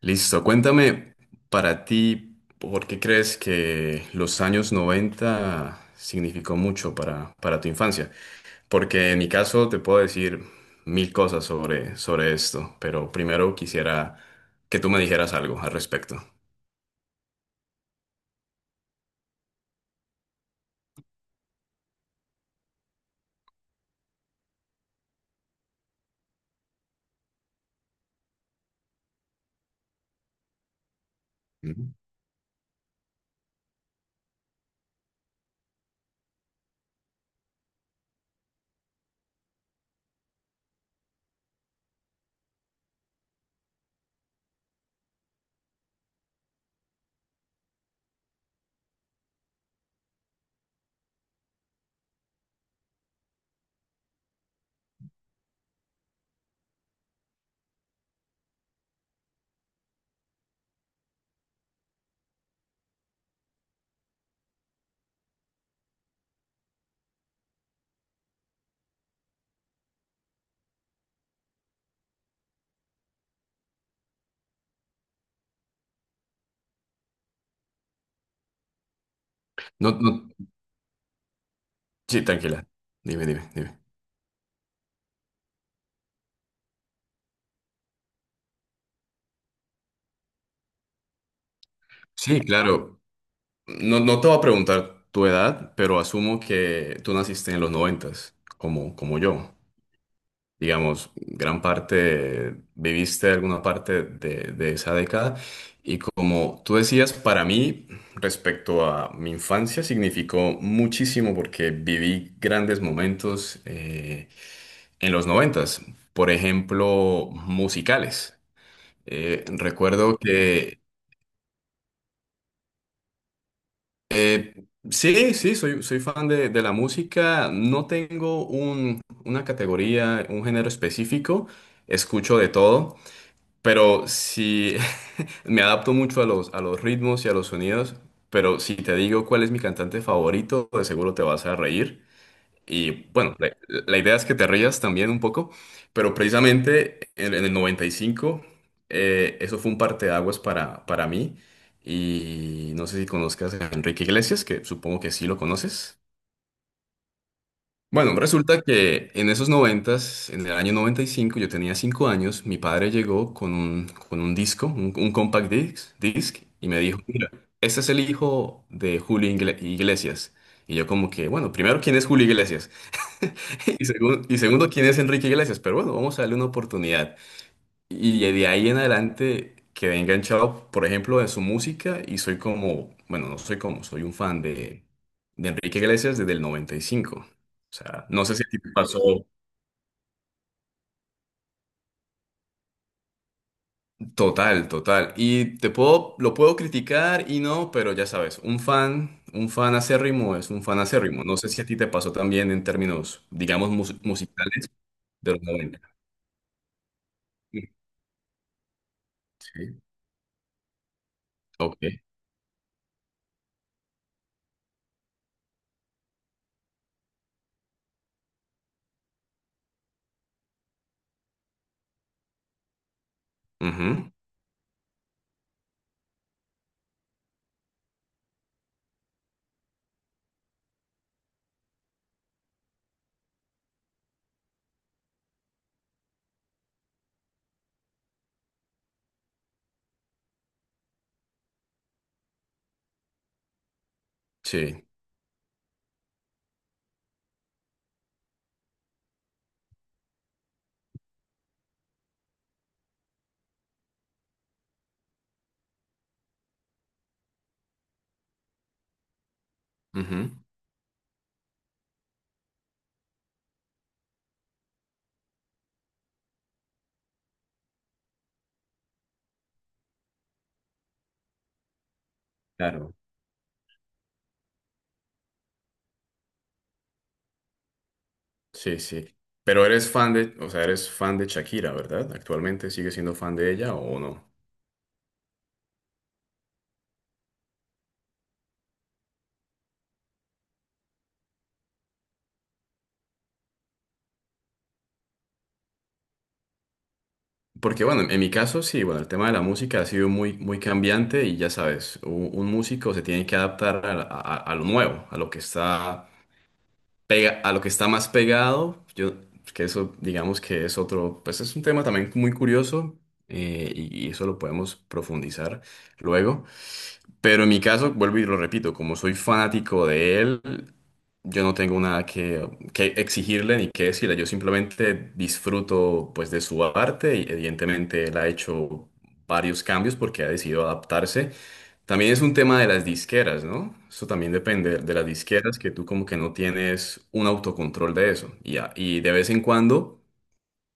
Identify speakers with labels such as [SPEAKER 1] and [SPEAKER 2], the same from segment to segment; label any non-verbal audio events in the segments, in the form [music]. [SPEAKER 1] Listo, cuéntame para ti, ¿por qué crees que los años 90 significó mucho para tu infancia? Porque en mi caso te puedo decir mil cosas sobre esto, pero primero quisiera que tú me dijeras algo al respecto. Ujú. No, no, sí, tranquila. Dime, dime, dime. Sí, claro. No, no te voy a preguntar tu edad, pero asumo que tú naciste en los noventas, como yo. Digamos, gran parte, viviste alguna parte de esa década. Y como tú decías, para mí, respecto a mi infancia, significó muchísimo porque viví grandes momentos en los noventas, por ejemplo, musicales. Recuerdo que sí, sí, soy fan de la música. No tengo una categoría, un género específico. Escucho de todo. Pero si [laughs] Me adapto mucho a los ritmos y a los sonidos, pero si te digo cuál es mi cantante favorito, de seguro te vas a reír. Y bueno, la idea es que te rías también un poco, pero precisamente en el 95, eso fue un parteaguas para mí. Y no sé si conozcas a Enrique Iglesias, que supongo que sí lo conoces. Bueno, resulta que en esos noventas, en el año 95, yo tenía 5 años, mi padre llegó con un disco, un compact disc, y me dijo, mira, este es el hijo de Julio Iglesias. Y yo como que, bueno, primero, ¿quién es Julio Iglesias? [laughs] Y segundo, ¿quién es Enrique Iglesias? Pero bueno, vamos a darle una oportunidad. Y de ahí en adelante quedé enganchado, por ejemplo, de su música y soy como, bueno, no soy como, soy un fan de Enrique Iglesias desde el 95. O sea, no sé si a ti te pasó. Total, total. Y te puedo, lo puedo criticar y no, pero ya sabes, un fan acérrimo es un fan acérrimo. No sé si a ti te pasó también en términos, digamos, musicales de los 90. Sí. Ok. Ujú. Sí. Ujú. Claro. Sí, sí. Pero eres fan de, o sea, eres fan de Shakira, ¿verdad? ¿Actualmente sigues siendo fan de ella o no? Porque bueno, en mi caso sí, bueno, el tema de la música ha sido muy, muy cambiante y ya sabes, un músico se tiene que adaptar a lo nuevo, a lo que está pega, a lo que está más pegado. Yo, que eso digamos que es otro, pues es un tema también muy curioso y eso lo podemos profundizar luego. Pero en mi caso, vuelvo y lo repito, como soy fanático de él, yo no tengo nada que exigirle ni que decirle. Yo simplemente disfruto pues de su arte y evidentemente él ha hecho varios cambios porque ha decidido adaptarse. También es un tema de las disqueras, ¿no? Eso también depende de las disqueras, que tú como que no tienes un autocontrol de eso. Y de vez en cuando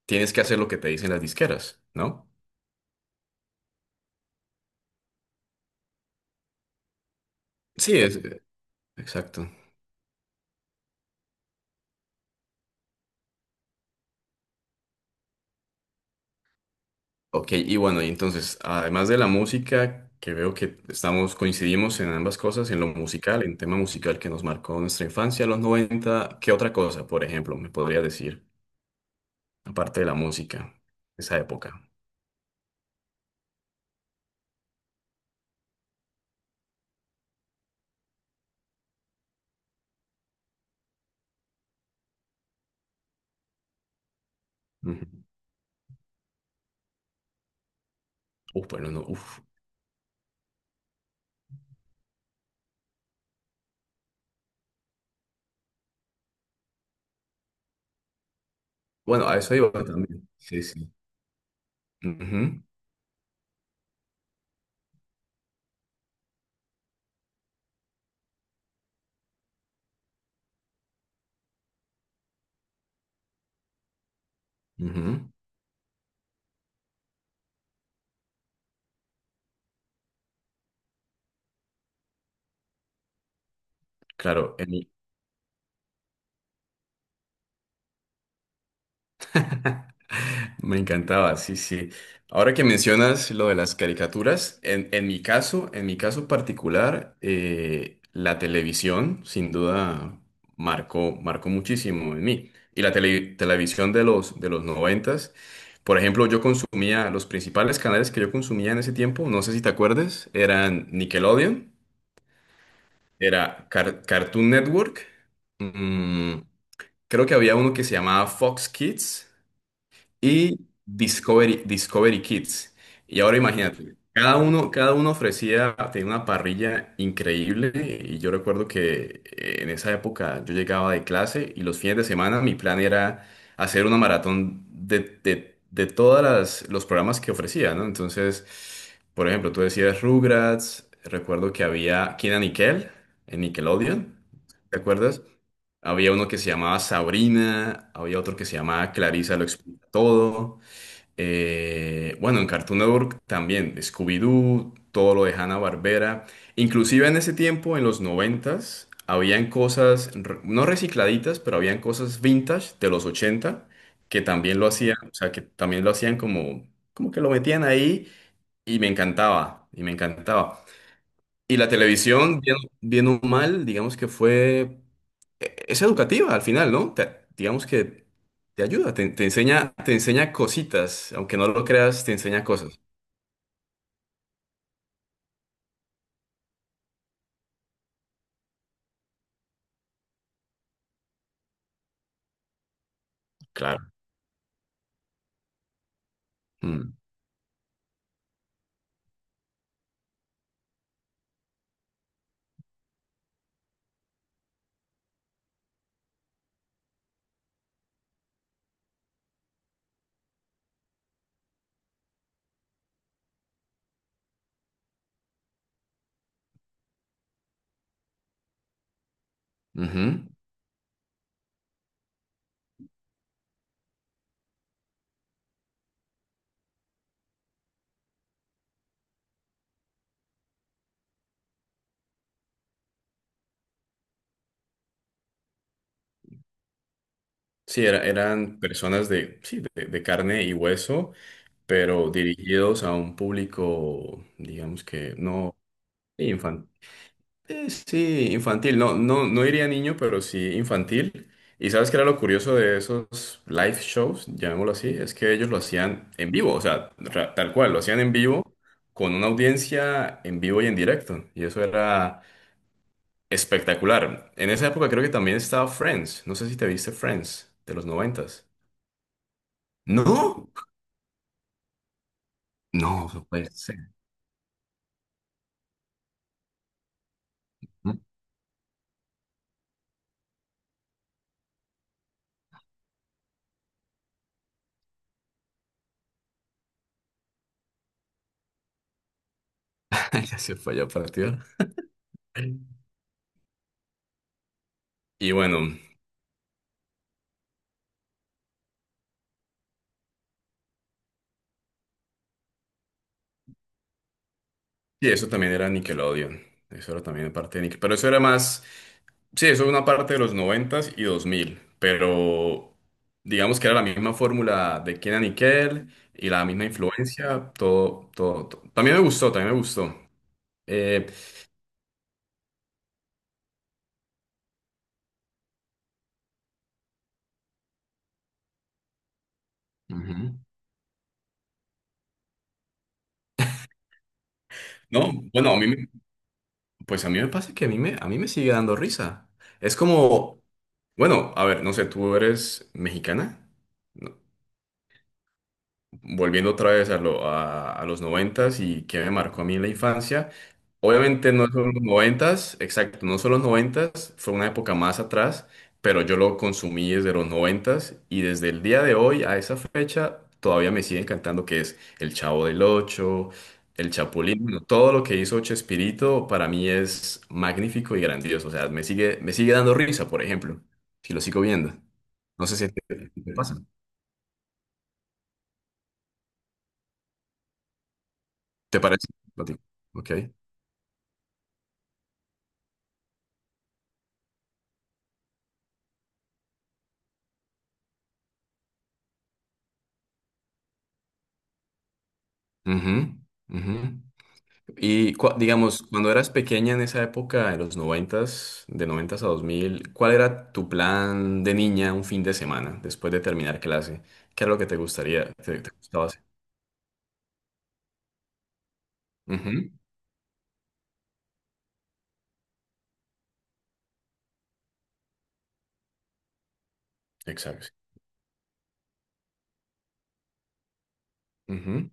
[SPEAKER 1] tienes que hacer lo que te dicen las disqueras, ¿no? Sí, es exacto. Ok, y bueno, y entonces, además de la música, que veo que estamos, coincidimos en ambas cosas, en lo musical, en tema musical que nos marcó nuestra infancia, los 90, ¿qué otra cosa, por ejemplo, me podría decir, aparte de la música, esa época? Ujú. Uf, bueno, no, uf. Bueno, a eso iba también. Sí, sí. Ujú, ujú. Claro, en mi, [laughs] Me encantaba, sí, sí. Ahora que mencionas lo de las caricaturas, en mi caso, en mi caso particular, la televisión sin duda marcó, marcó muchísimo en mí. Y la televisión de los noventas, por ejemplo, yo consumía, los principales canales que yo consumía en ese tiempo, no sé si te acuerdas, eran Nickelodeon, era Cartoon Network, mm, creo que había uno que se llamaba Fox Kids y Discovery, Discovery Kids. Y ahora imagínate, cada uno ofrecía, tenía una parrilla increíble y yo recuerdo que en esa época yo llegaba de clase y los fines de semana mi plan era hacer una maratón de todos los programas que ofrecía, ¿no? Entonces, por ejemplo, tú decías Rugrats, recuerdo que había Kina Nickel en Nickelodeon, ¿te acuerdas? Había uno que se llamaba Sabrina, había otro que se llamaba Clarissa lo todo. Bueno, en Cartoon Network también, Scooby-Doo, todo lo de Hanna-Barbera. Inclusive en ese tiempo, en los noventas, habían cosas, no recicladitas, pero habían cosas vintage de los 80 que también lo hacían, o sea, que también lo hacían como que lo metían ahí y me encantaba, y me encantaba. Y la televisión, bien, bien o mal, digamos que fue, es educativa al final, ¿no? Digamos que te ayuda, te enseña, te enseña cositas, aunque no lo creas, te enseña cosas. Claro. Mm, ujú. Sí, eran personas de, sí, de carne y hueso, pero dirigidos a un público, digamos que no. Sí, infantil, no, no, no iría niño, pero sí infantil. Y sabes que era lo curioso de esos live shows, llamémoslo así, es que ellos lo hacían en vivo, o sea, tal cual, lo hacían en vivo con una audiencia en vivo y en directo. Y eso era espectacular. En esa época creo que también estaba Friends, no sé si te viste Friends de los noventas. ¿No? No, no puede ser. [laughs] Ya se fue ya partido. Y bueno, y eso también era Nickelodeon. Eso era también parte de Nickelodeon. Pero eso era más. Sí, eso es una parte de los noventas y 2000, pero digamos que era la misma fórmula de Kenan y Kel y la misma influencia, todo, todo, todo. También me gustó, también me gustó. Eh, Ujú. No, bueno, a mí, pues a mí me pasa que a mí me sigue dando risa. Es como, bueno, a ver, no sé, ¿tú eres mexicana? Volviendo otra vez a los noventas y que me marcó a mí en la infancia, obviamente no son los noventas, exacto, no son los noventas, fue una época más atrás, pero yo lo consumí desde los noventas y desde el día de hoy a esa fecha todavía me sigue encantando que es El Chavo del Ocho, El Chapulín, bueno, todo lo que hizo Chespirito para mí es magnífico y grandioso, o sea, me sigue dando risa, por ejemplo, si lo sigo viendo. No sé si te pasa. ¿Te parece? ¿A ti? Ok. Ujú, ujú. Y digamos, cuando eras pequeña en esa época, de los noventas, de noventas a 2000, ¿cuál era tu plan de niña un fin de semana después de terminar clase? ¿Qué era lo que te gustaría, te gustaba hacer? Ujú. Exacto. Ujú.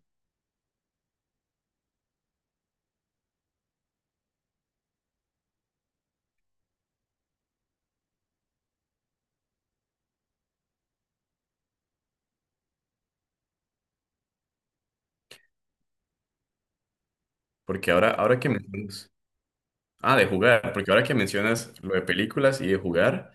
[SPEAKER 1] Porque ahora, ahora que mencionas, ah, de jugar, porque ahora que mencionas lo de películas y de jugar.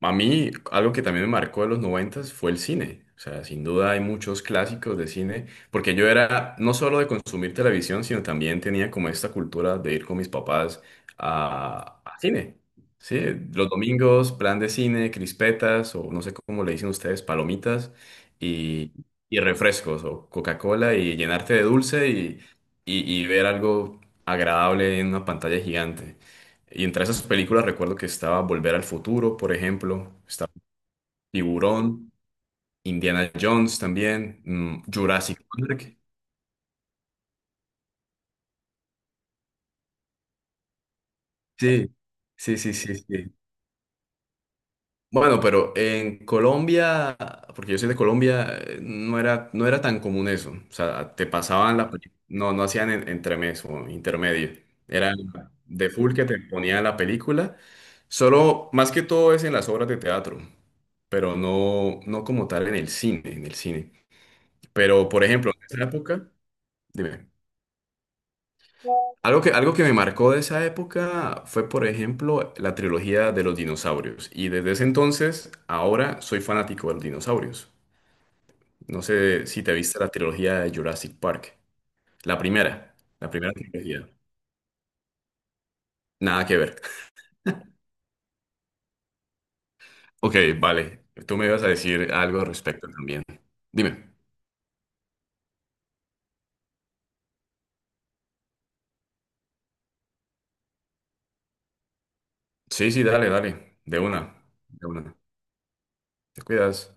[SPEAKER 1] A mí, algo que también me marcó de los noventas fue el cine. O sea, sin duda hay muchos clásicos de cine, porque yo era no solo de consumir televisión, sino también tenía como esta cultura de ir con mis papás a cine. Sí, los domingos, plan de cine, crispetas, o no sé cómo le dicen ustedes, palomitas y, y refrescos, o Coca-Cola, y llenarte de dulce y ver algo agradable en una pantalla gigante. Y entre esas películas recuerdo que estaba Volver al Futuro, por ejemplo, estaba Tiburón, Indiana Jones también, Jurassic Park. Sí, sí, sí, sí, sí. Bueno, pero en Colombia, porque yo soy de Colombia, no era tan común eso. O sea, te pasaban la película, no, no hacían entremés o intermedio. Era de full que te ponían la película. Solo, más que todo es en las obras de teatro, pero no, no como tal en el cine, en el cine. Pero, por ejemplo, en esa época, dime, algo que me marcó de esa época fue, por ejemplo, la trilogía de los dinosaurios. Y desde ese entonces, ahora soy fanático de los dinosaurios. No sé si te viste la trilogía de Jurassic Park. La primera trilogía. Nada que ver. [laughs] Ok, vale. Tú me ibas a decir algo al respecto también. Dime. Sí, sí, dale, dale. De una. De una. Te cuidas.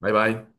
[SPEAKER 1] Bye, bye.